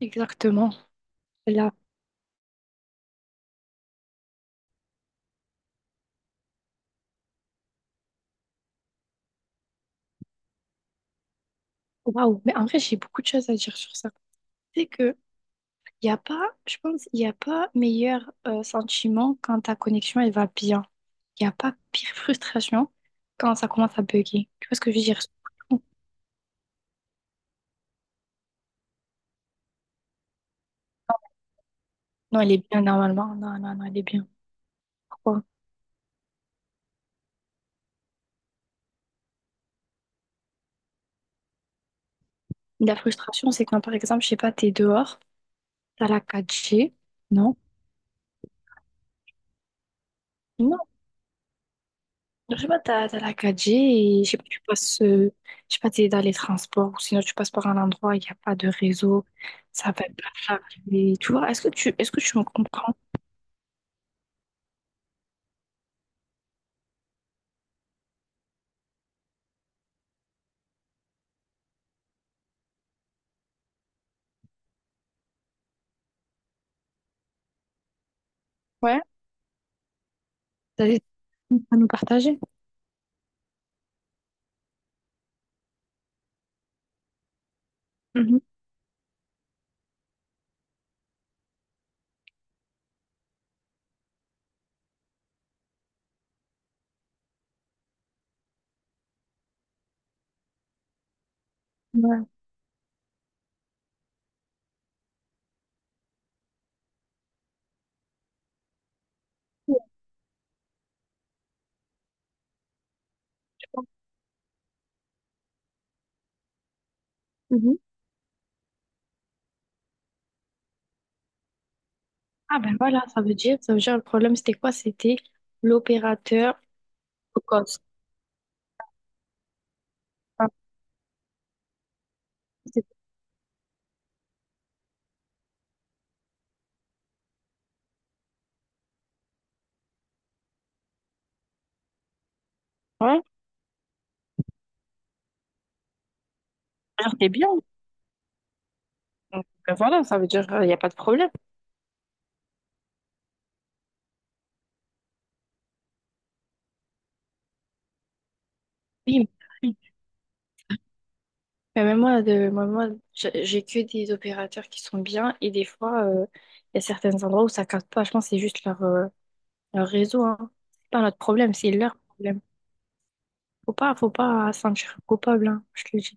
Exactement. Là, waouh. Mais en vrai, j'ai beaucoup de choses à dire sur ça. C'est que y a pas, je pense, il n'y a pas meilleur sentiment quand ta connexion elle va bien. Il n'y a pas pire frustration quand ça commence à bugger. Tu vois ce que je veux dire? Non, elle est bien normalement. Non, non, non, elle est bien. Pourquoi? La frustration, c'est quand par exemple, je sais pas, t'es dehors, t'as la 4G. Non. Je sais pas, t'as la 4G et je sais pas, tu passes, je sais pas, t'es dans les transports ou sinon tu passes par un endroit, il n'y a pas de réseau, ça va être pas chargé. Tu vois, est-ce que tu me comprends? Ouais. T'as des trucs à nous partager? Mhm. Ouais. Mhm. Ah ben voilà, ça veut dire le problème c'était quoi? C'était l'opérateur low cost. Ah, c'était- ben voilà, pas de problème. Oui, mais mais même moi, de, moi, moi, j'ai que des opérateurs qui sont bien et des fois, il y a certains endroits où ça capte pas. Je pense que c'est juste leur, leur réseau, hein. C'est pas notre problème, c'est leur problème. Faut pas se sentir coupable, hein, je te le dis.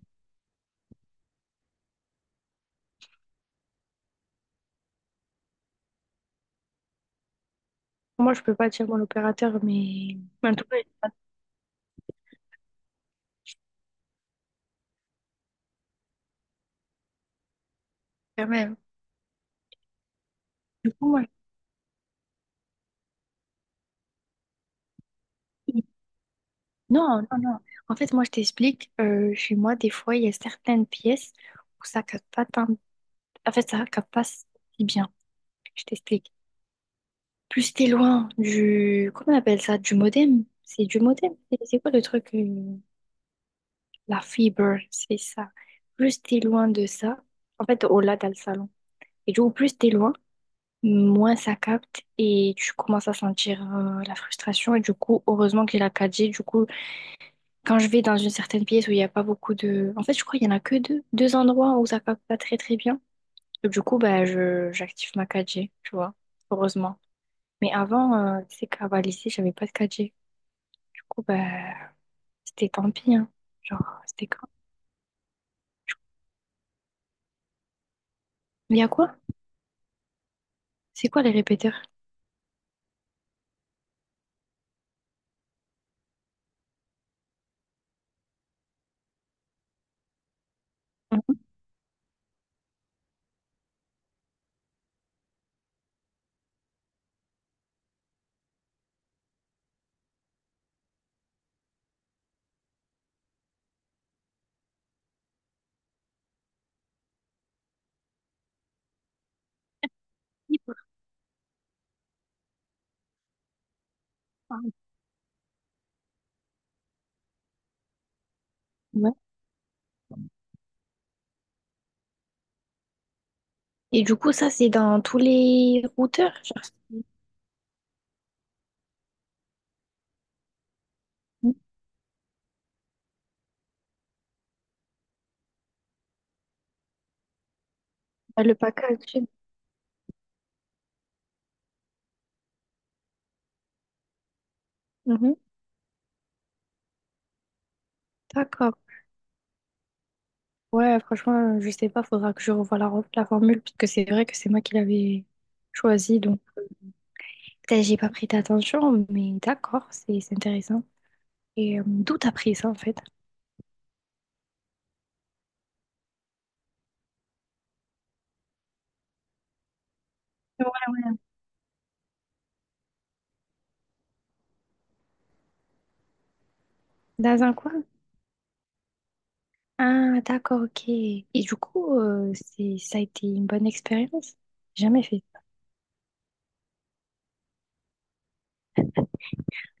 Moi, je peux pas dire mon opérateur, mais en tout cas, quand même. Du coup, moi. Non, non, non. En fait, moi, je t'explique. Chez moi, des fois, il y a certaines pièces où ça capte pas tant. En fait, ça capte pas si bien. Je t'explique. Plus t'es loin du. Comment on appelle ça? Du modem? C'est du modem? C'est quoi le truc? La fibre, c'est ça. Plus t'es loin de ça. En fait, au-delà, t'as le salon. Et du coup, plus t'es loin, moins ça capte et tu commences à sentir la frustration. Et du coup, heureusement qu'il y a la 4G. Du coup, quand je vais dans une certaine pièce où il n'y a pas beaucoup de. En fait, je crois qu'il n'y en a que deux, deux endroits où ça capte pas très très bien. Et du coup, bah, j'active ma 4G, tu vois, heureusement. Mais avant, tu sais qu'à Valaisie, j'avais pas de 4G. Du coup, bah, c'était tant pis, hein. Genre, c'était quand? Il y a quoi? C'est quoi les répéteurs? Mhm. Ouais. Et du coup, ça, c'est dans tous les routeurs, genre. Ah, le packaging. Mhm. D'accord. Ouais, franchement, je sais pas, faudra que je revoie la, la formule, parce que c'est vrai que c'est moi qui l'avais choisie, donc peut-être j'ai pas prêté attention, mais d'accord, c'est intéressant. Et d'où t'as pris ça en fait? Ouais. Dans un coin? Ah, d'accord, ok. Et du coup, c'est ça a été une bonne expérience? Jamais fait.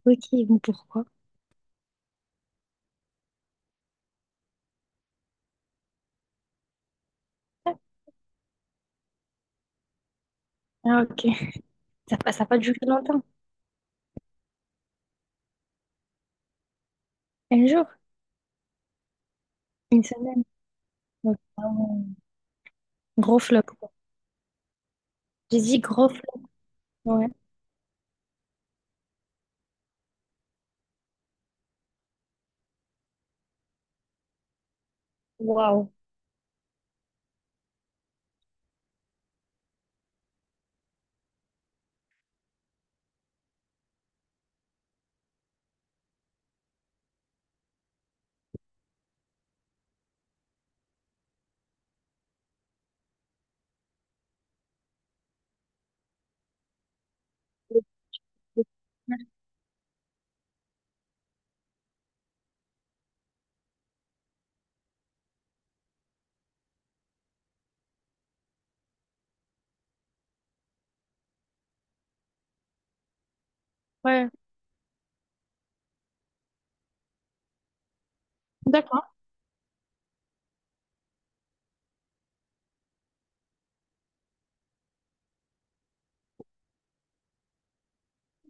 Ça. Ok, mais pourquoi? Ah, ok. Ça a pas duré longtemps. Un jour? Une semaine? Ouais. Ah ouais. Gros flop, quoi. J'ai dit gros flop, ouais. Waouh. Ouais, d'accord.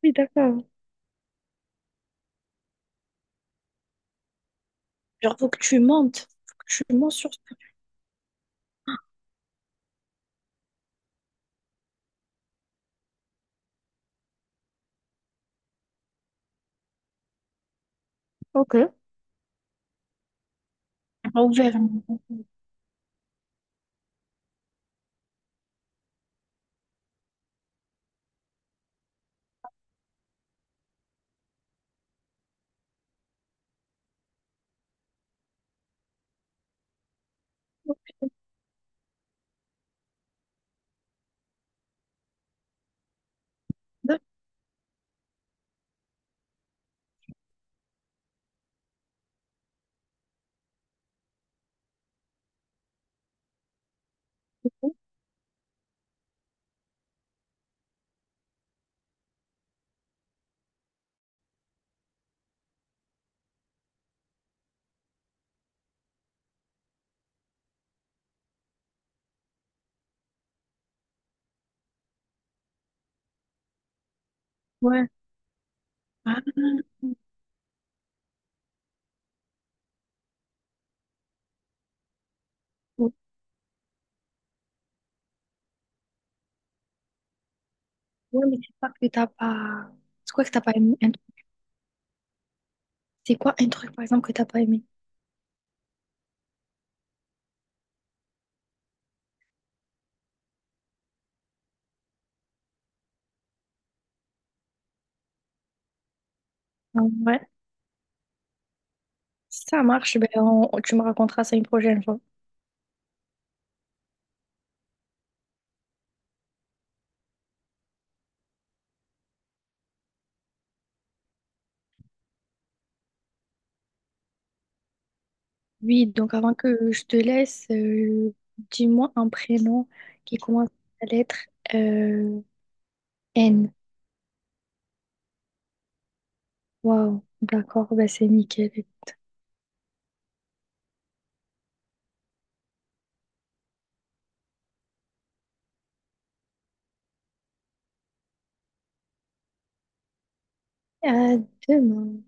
Oui, d'accord. Genre, faut que tu mentes. Faut que tu mens sur ce. Ok. Que ouvert. D'accord. Ouais. Ah, ouais, mais c'est pas que t'as pas. C'est quoi que t'as pas aimé? Un-. C'est quoi un truc, par exemple, que t'as pas aimé? Ah, ouais. Ça marche, tu me raconteras ça une prochaine fois. Oui, donc avant que je te laisse, dis-moi un prénom qui commence par la lettre euh, N. Waouh, d'accord, ben c'est nickel. À demain.